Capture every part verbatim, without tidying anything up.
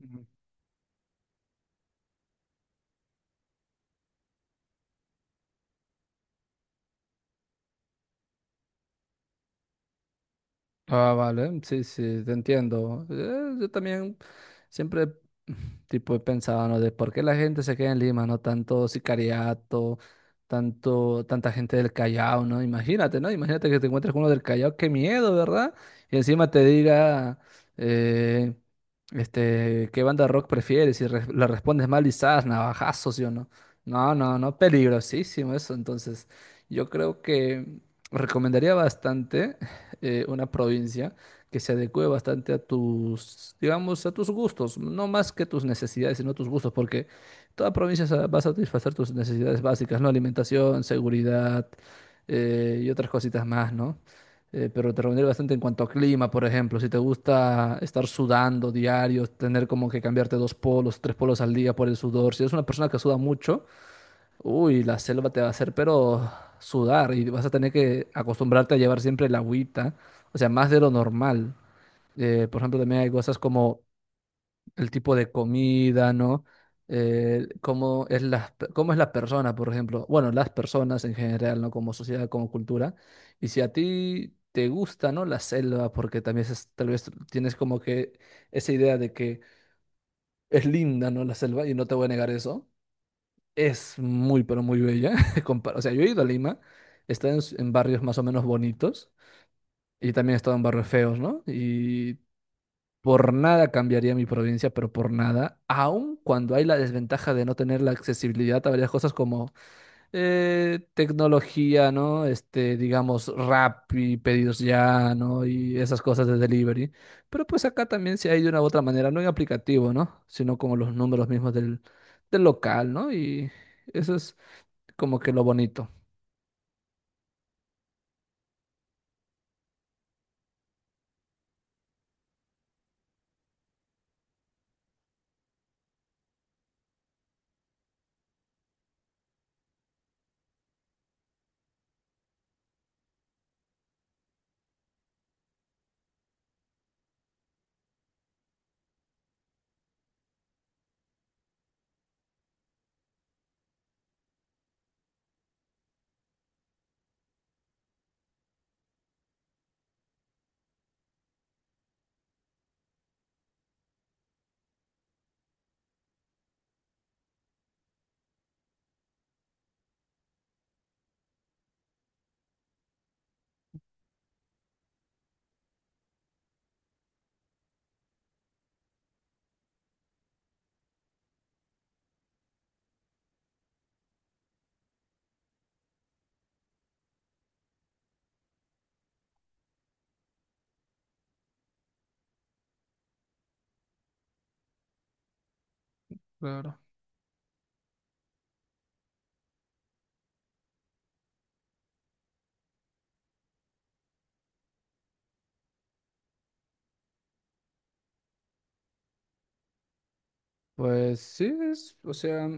Ujú. Ah, vale, sí, sí, te entiendo. Eh, yo también siempre tipo he pensado, ¿no? De por qué la gente se queda en Lima, ¿no? Tanto sicariato, tanto, tanta gente del Callao, ¿no? Imagínate, ¿no? Imagínate que te encuentres con uno del Callao, qué miedo, ¿verdad? Y encima te diga, eh, este, ¿qué banda de rock prefieres? Y res- le respondes mal, quizás, navajazos, ¿sí o no? No, no, no, peligrosísimo eso. Entonces, yo creo que recomendaría bastante. Eh, una provincia que se adecue bastante a tus, digamos, a tus gustos, no más que tus necesidades, sino tus gustos, porque toda provincia sa- va a satisfacer tus necesidades básicas, ¿no? Alimentación, seguridad, eh, y otras cositas más, ¿no? Eh, pero te reuniré bastante en cuanto a clima, por ejemplo, si te gusta estar sudando diario, tener como que cambiarte dos polos, tres polos al día por el sudor, si eres una persona que suda mucho, uy, la selva te va a hacer pero sudar y vas a tener que acostumbrarte a llevar siempre el agüita, o sea, más de lo normal. Eh, por ejemplo, también hay cosas como el tipo de comida, ¿no? Eh, cómo es la, cómo es la persona, por ejemplo. Bueno, las personas en general, ¿no? Como sociedad, como cultura. Y si a ti te gusta, ¿no? La selva, porque también es- tal vez tienes como que esa idea de que es linda, ¿no? La selva, y no te voy a negar eso. Es muy, pero muy bella. compar- O sea, yo he ido a Lima, he estado en, s- en barrios más o menos bonitos y también he estado en barrios feos, ¿no? Y por nada cambiaría mi provincia, pero por nada, aun cuando hay la desventaja de no tener la accesibilidad a varias cosas como eh, tecnología, ¿no? Este, digamos, Rappi, pedidos ya, ¿no? Y esas cosas de delivery. Pero pues acá también se hay de una u otra manera, no en aplicativo, ¿no? Sino como los números mismos del, del local, ¿no? Y eso es como que lo bonito. Claro. Pues sí, es, o sea,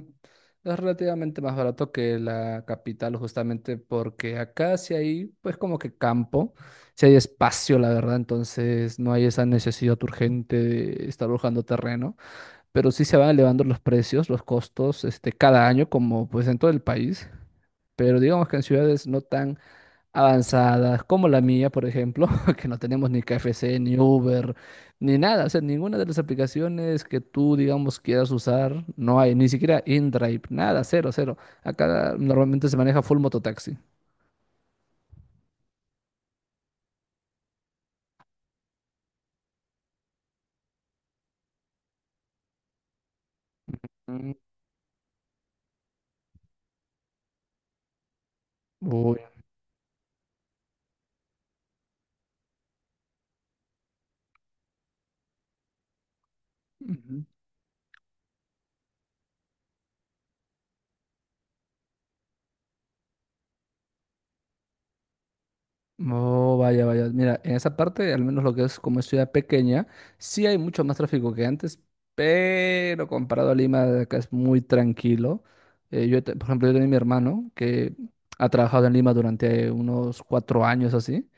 es relativamente más barato que la capital, justamente porque acá sí hay, pues como que campo, sí hay espacio, la verdad, entonces no hay esa necesidad urgente de estar buscando terreno, pero sí se van elevando los precios, los costos, este, cada año, como pues en todo el país, pero digamos que en ciudades no tan avanzadas, como la mía, por ejemplo, que no tenemos ni K F C, ni Uber, ni nada, o sea, ninguna de las aplicaciones que tú, digamos, quieras usar, no hay, ni siquiera InDrive, nada, cero, cero. Acá normalmente se maneja full mototaxi. Mm. Uy. Ujú. Oh, vaya, vaya. Mira, en esa parte, al menos lo que es como es ciudad pequeña, sí hay mucho más tráfico que antes, pero comparado a Lima, de acá es muy tranquilo. Eh, yo, te- por ejemplo, yo tenía mi hermano que ha trabajado en Lima durante unos cuatro años así,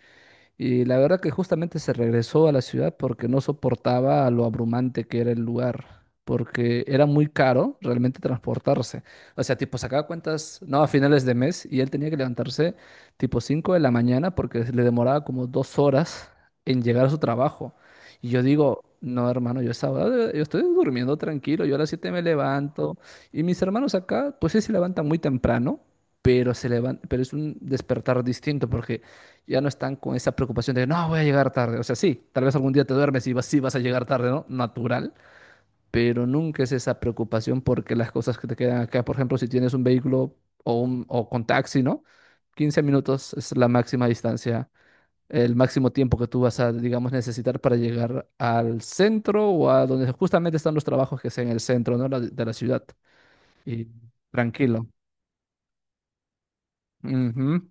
y la verdad que justamente se regresó a la ciudad porque no soportaba lo abrumante que era el lugar, porque era muy caro realmente transportarse. O sea, tipo, sacaba cuentas, no, a finales de mes y él tenía que levantarse tipo cinco de la mañana porque le demoraba como dos horas en llegar a su trabajo. Y yo digo, no, hermano, yo esa hora, yo estoy durmiendo tranquilo, yo a las siete me levanto y mis hermanos acá, pues sí se levantan muy temprano. Pero, se levan- pero es un despertar distinto porque ya no están con esa preocupación de, no, voy a llegar tarde. O sea, sí, tal vez algún día te duermes y vas, sí vas a llegar tarde, ¿no? Natural, pero nunca es esa preocupación porque las cosas que te quedan acá, por ejemplo, si tienes un vehículo o, un, o con taxi, ¿no? Quince minutos es la máxima distancia, el máximo tiempo que tú vas a, digamos, necesitar para llegar al centro o a donde justamente están los trabajos que sea en el centro, ¿no? La- de la ciudad. Y tranquilo. Ujú.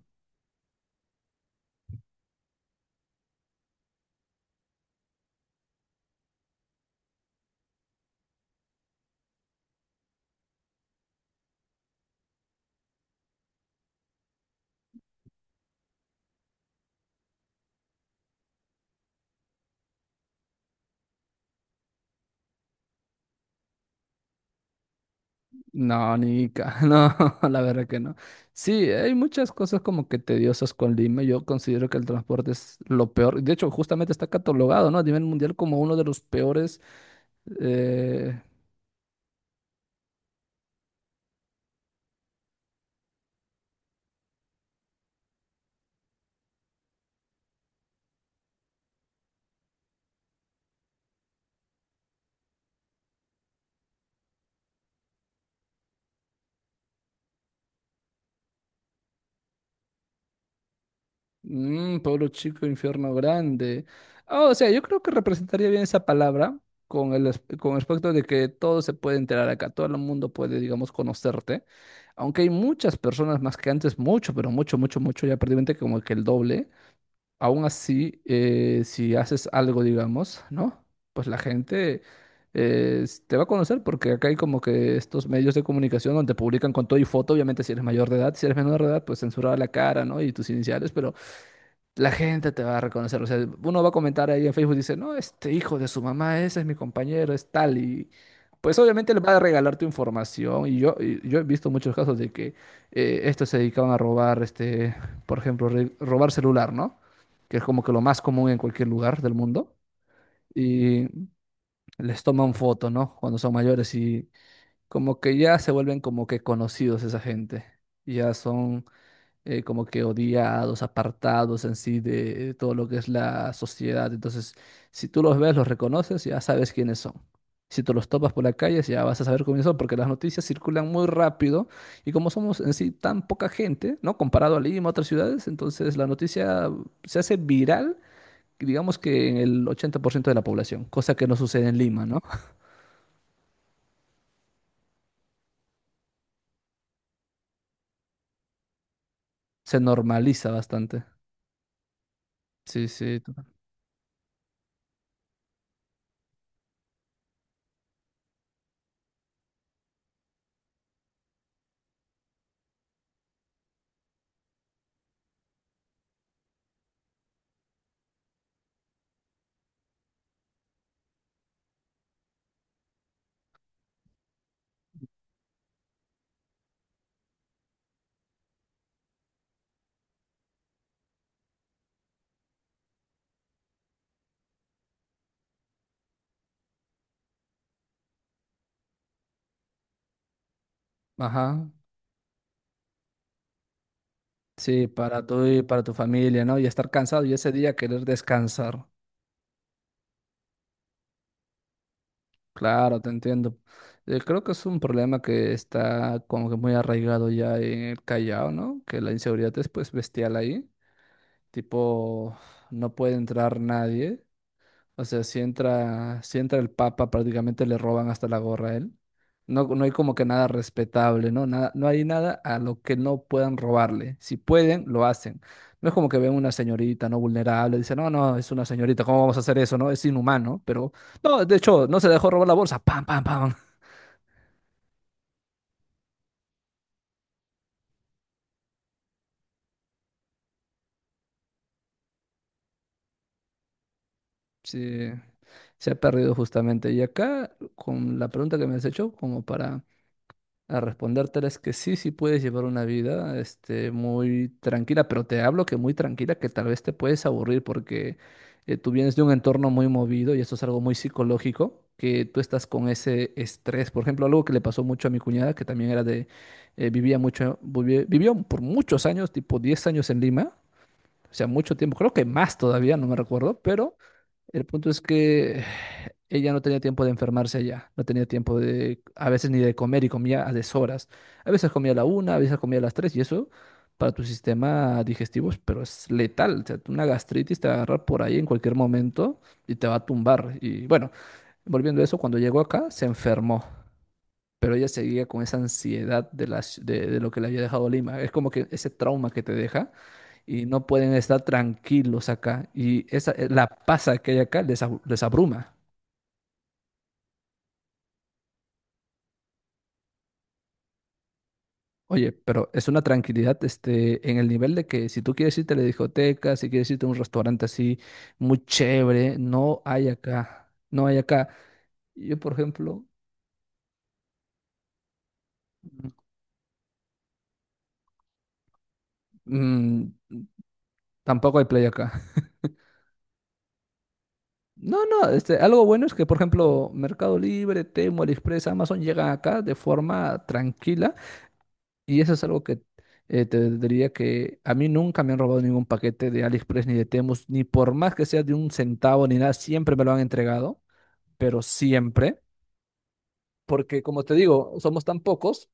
No, Nica, no, la verdad que no. Sí, hay muchas cosas como que tediosas con Lima. Yo considero que el transporte es lo peor. De hecho, justamente está catalogado, ¿no? A nivel mundial como uno de los peores. Eh, mm, Pueblo chico, infierno grande. Ah, o sea, yo creo que representaría bien esa palabra con el, as- con el aspecto de que todo se puede enterar acá, todo el mundo puede, digamos, conocerte. Aunque hay muchas personas más que antes, mucho, pero mucho, mucho, mucho, ya prácticamente como que el doble. Aún así, eh, si haces algo, digamos, ¿no? Pues la gente eh, s- te va a conocer porque acá hay como que estos medios de comunicación donde publican con todo y foto, obviamente si eres mayor de edad, si eres menor de edad, pues censurada la cara, ¿no? Y tus iniciales, pero la gente te va a reconocer. O sea, uno va a comentar ahí en Facebook, dice, no, este hijo de su mamá, ese es mi compañero, es tal. Y pues obviamente le va a regalar tu información. Y yo, y yo he visto muchos casos de que eh, estos se dedicaban a robar, este, por ejemplo, re- robar celular, ¿no? Que es como que lo más común en cualquier lugar del mundo. Y les toman foto, ¿no? Cuando son mayores y como que ya se vuelven como que conocidos esa gente. Ya son eh, como que odiados, apartados en sí de eh, todo lo que es la sociedad. Entonces, si tú los ves, los reconoces, ya sabes quiénes son. Si tú los topas por la calle, ya vas a saber quiénes son, porque las noticias circulan muy rápido y como somos en sí tan poca gente, ¿no? Comparado a Lima, a otras ciudades, entonces la noticia se hace viral, digamos que en el ochenta por ciento de la población, cosa que no sucede en Lima, ¿no? Se normaliza bastante. Sí, sí. to- Ajá. Sí, para tú y para tu familia, ¿no? Y estar cansado y ese día querer descansar. Claro, te entiendo. Eh, creo que es un problema que está como que muy arraigado ya en el Callao, ¿no? Que la inseguridad es pues bestial ahí. Tipo, no puede entrar nadie. O sea, si entra, si entra el Papa, prácticamente le roban hasta la gorra a él. No, no hay como que nada respetable, ¿no? Nada, no hay nada a lo que no puedan robarle. Si pueden, lo hacen. No es como que ven una señorita no vulnerable, dicen, no, no, es una señorita, ¿cómo vamos a hacer eso, no? Es inhumano, pero no, de hecho, no se dejó robar la bolsa, pam, pam, pam. Sí, se ha perdido justamente. Y acá, con la pregunta que me has hecho, como para a respondértela es que sí, sí puedes llevar una vida, este, muy tranquila, pero te hablo que muy tranquila, que tal vez te puedes aburrir porque eh, tú vienes de un entorno muy movido y esto es algo muy psicológico, que tú estás con ese estrés. Por ejemplo, algo que le pasó mucho a mi cuñada, que también era de, eh, vivía mucho, vivi- vivió por muchos años, tipo diez años en Lima, o sea, mucho tiempo, creo que más todavía, no me recuerdo, pero el punto es que ella no tenía tiempo de enfermarse allá, no tenía tiempo de, a veces ni de comer y comía a deshoras. A veces comía a la una, a veces comía a las tres y eso para tu sistema digestivo, es- pero es letal. O sea, una gastritis te va a agarrar por ahí en cualquier momento y te va a tumbar. Y bueno, volviendo a eso, cuando llegó acá se enfermó, pero ella seguía con esa ansiedad de, la ci- de de lo que le había dejado Lima. Es como que ese trauma que te deja y no pueden estar tranquilos acá. Y esa, eh, la pasa que hay acá les, abru- les abruma. Oye, pero es una tranquilidad este, en el nivel de que si tú quieres irte a la discoteca, si quieres irte a un restaurante así muy chévere, no hay acá. No hay acá. Yo, por ejemplo, mm, tampoco hay play acá. No, no, este, algo bueno es que, por ejemplo, Mercado Libre, Temo, AliExpress, Amazon llegan acá de forma tranquila. Y eso es algo que eh, te diría que a mí nunca me han robado ningún paquete de AliExpress ni de Temu, ni por más que sea de un centavo ni nada, siempre me lo han entregado, pero siempre, porque como te digo, somos tan pocos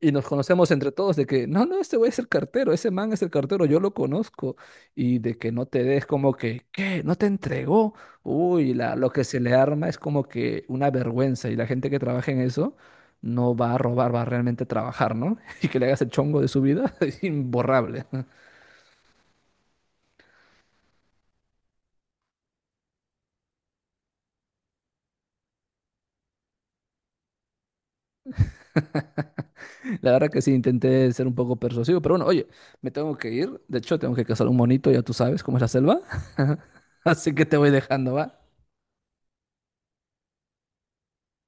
y nos conocemos entre todos de que, no, no, este güey es el cartero, ese man es el cartero, yo lo conozco. Y de que no te des como que, ¿qué? ¿No te entregó? Uy, la, lo que se le arma es como que una vergüenza. Y la gente que trabaja en eso no va a robar, va a realmente trabajar, ¿no? Y que le hagas el chongo de su vida es imborrable. La verdad que sí, intenté ser un poco persuasivo, pero bueno, oye, me tengo que ir. De hecho, tengo que cazar un monito, ya tú sabes cómo es la selva. Así que te voy dejando, ¿va?